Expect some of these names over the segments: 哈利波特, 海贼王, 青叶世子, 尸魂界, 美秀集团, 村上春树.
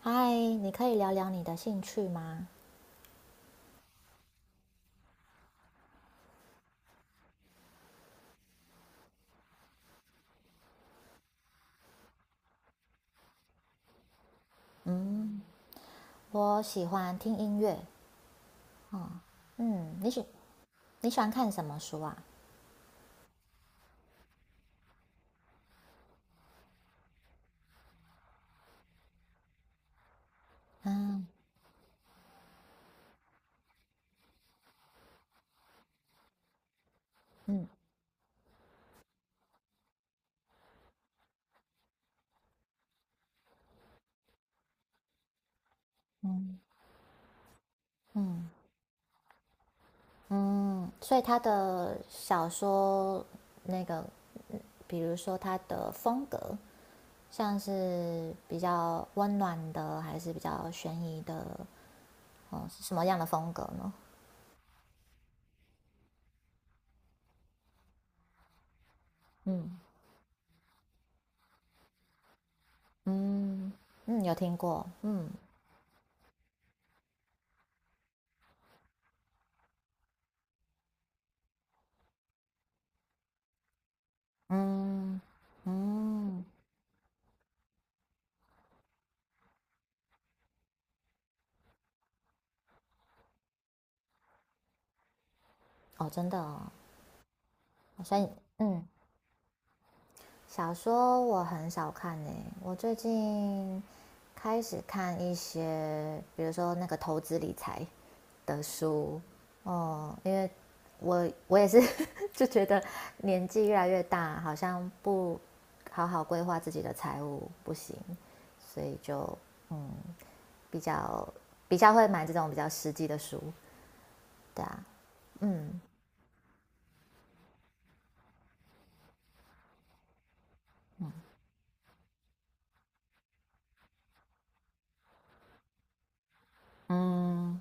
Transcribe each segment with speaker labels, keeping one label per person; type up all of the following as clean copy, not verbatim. Speaker 1: 嗨，你可以聊聊你的兴趣吗？嗯，我喜欢听音乐。嗯，你喜欢看什么书啊？嗯嗯嗯嗯嗯，所以他的小说那个，比如说他的风格，像是比较温暖的，还是比较悬疑的，哦，是什么样的风格呢？嗯嗯嗯，有听过。嗯嗯嗯，哦，真的哦，所以嗯。小说我很少看呢，我最近开始看一些，比如说那个投资理财的书，因为我也是 就觉得年纪越来越大，好像不好好规划自己的财务不行，所以就嗯比较比较会买这种比较实际的书，对啊，嗯嗯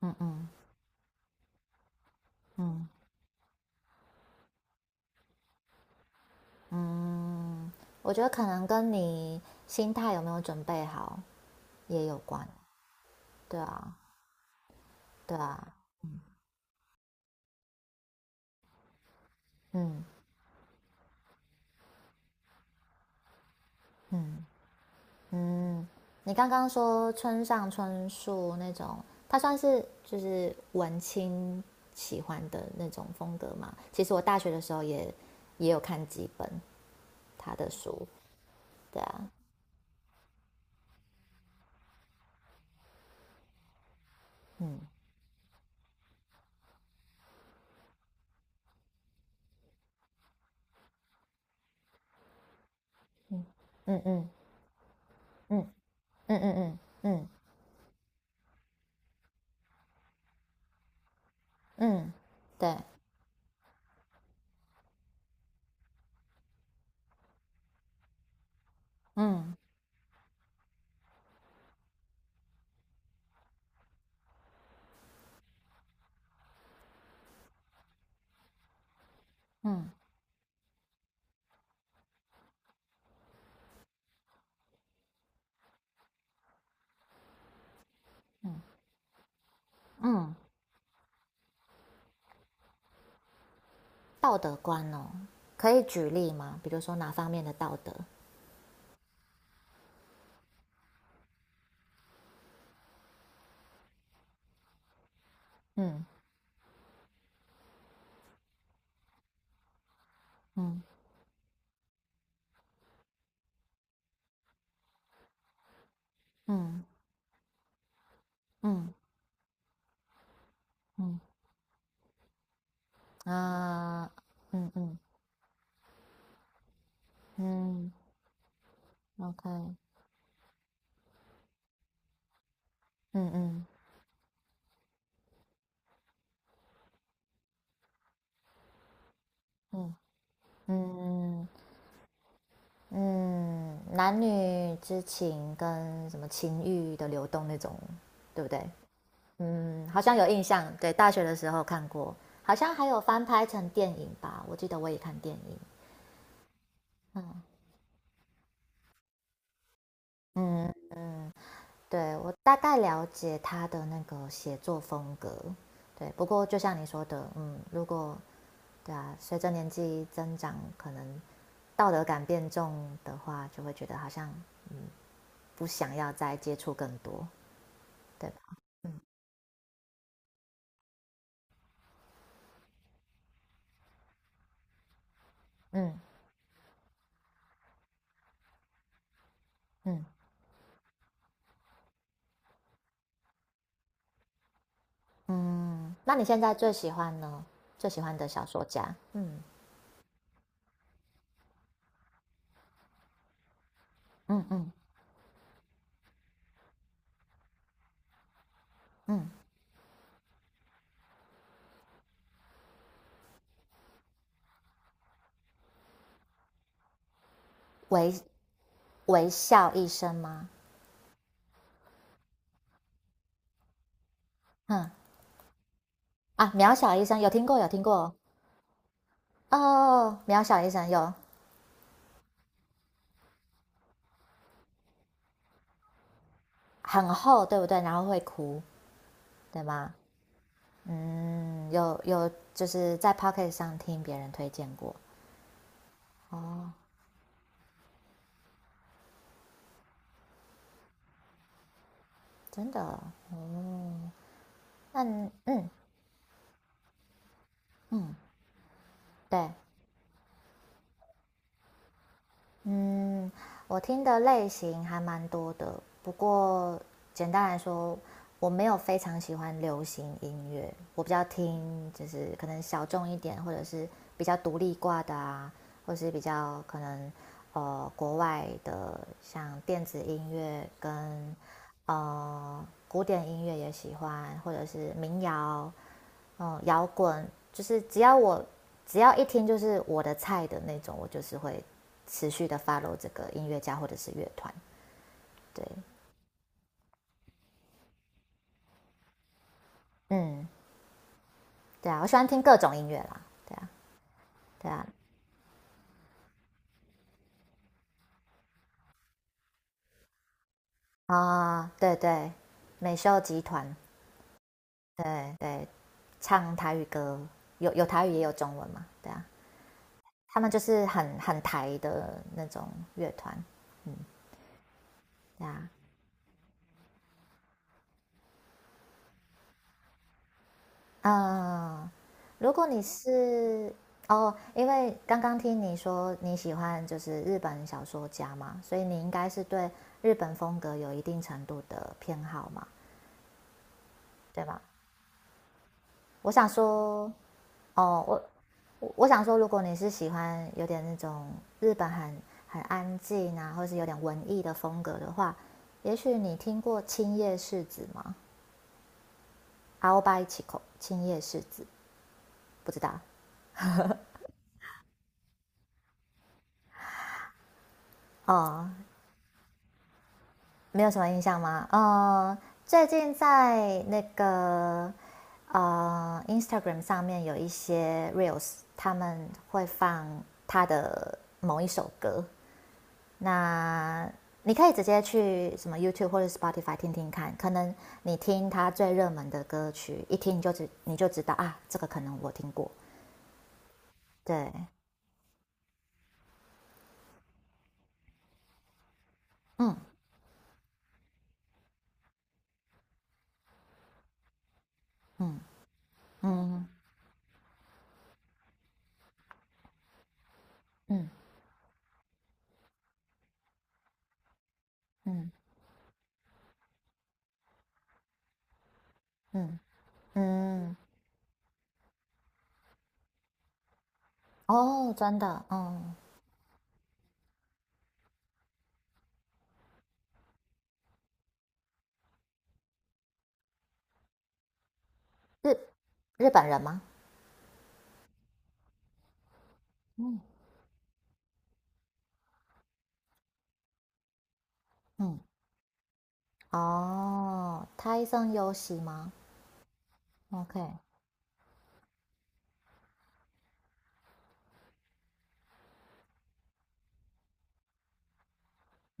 Speaker 1: 嗯嗯嗯，嗯嗯嗯，我觉得可能跟你心态有没有准备好也有关。对啊，对啊，嗯嗯嗯。你刚刚说村上春树那种，他算是就是文青喜欢的那种风格嘛？其实我大学的时候也有看几本他的书。对啊，嗯嗯嗯嗯嗯嗯嗯嗯嗯嗯，对，嗯嗯嗯嗯。道德观哦，可以举例吗？比如说哪方面的道德？嗯嗯嗯嗯嗯啊嗯嗯嗯，OK，嗯嗯嗯嗯嗯，男女之情跟什么情欲的流动那种，对不对？嗯，好像有印象，对，大学的时候看过，好像还有翻拍成电影吧，我记得我也看电影。嗯嗯嗯对我大概了解他的那个写作风格，对。不过就像你说的，嗯，如果对啊，随着年纪增长，可能道德感变重的话，就会觉得好像不想要再接触更多，对吧？嗯嗯嗯嗯。那你现在最喜欢呢？最喜欢的小说家？嗯嗯嗯嗯，微微笑医生吗？嗯啊，渺小医生有听过有听过哦，渺小医生有很厚，对不对？然后会哭，对吗？嗯，有有，就是在 Pocket 上听别人推荐过哦，真的哦，那嗯嗯嗯对，嗯，我听的类型还蛮多的，不过简单来说，我没有非常喜欢流行音乐，我比较听就是可能小众一点，或者是比较独立挂的啊，或是比较可能国外的，像电子音乐跟古典音乐也喜欢，或者是民谣，摇滚，就是只要一听就是我的菜的那种，我就是会持续的 follow 这个音乐家或者是乐团。对，嗯，对啊，我喜欢听各种音乐啦。对啊，对啊，啊，哦对对，美秀集团，对对，唱台语歌，有有台语也有中文嘛，对啊，他们就是很很台的那种乐团，对啊，嗯，如果你是哦，因为刚刚听你说你喜欢就是日本小说家嘛，所以你应该是对日本风格有一定程度的偏好嘛，对吗？我想说，哦，我想说，如果你是喜欢有点那种日本很很安静啊，或是有点文艺的风格的话，也许你听过青叶世子吗？阿欧巴伊奇口，青叶世子，不知道哦，没有什么印象吗？最近在那个Instagram 上面有一些 Reels，他们会放他的某一首歌。那你可以直接去什么 YouTube 或者 Spotify 听听看，可能你听他最热门的歌曲，一听你就知道啊，这个可能我听过。对，嗯嗯嗯嗯嗯嗯嗯，嗯哦，真的，嗯，日日本人吗？嗯嗯，哦，胎生有喜吗？OK，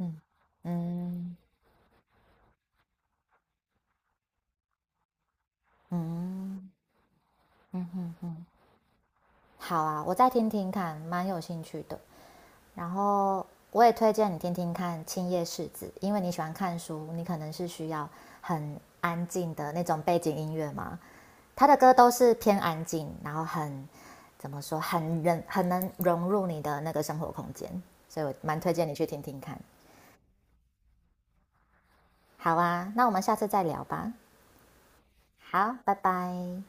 Speaker 1: 嗯嗯嗯嗯嗯嗯，好啊，我再听听看，蛮有兴趣的。然后我也推荐你听听看《青叶世子》，因为你喜欢看书，你可能是需要很安静的那种背景音乐嘛。他的歌都是偏安静，然后怎么说，很能融入你的那个生活空间，所以我蛮推荐你去听听看。好啊，那我们下次再聊吧。好，拜拜。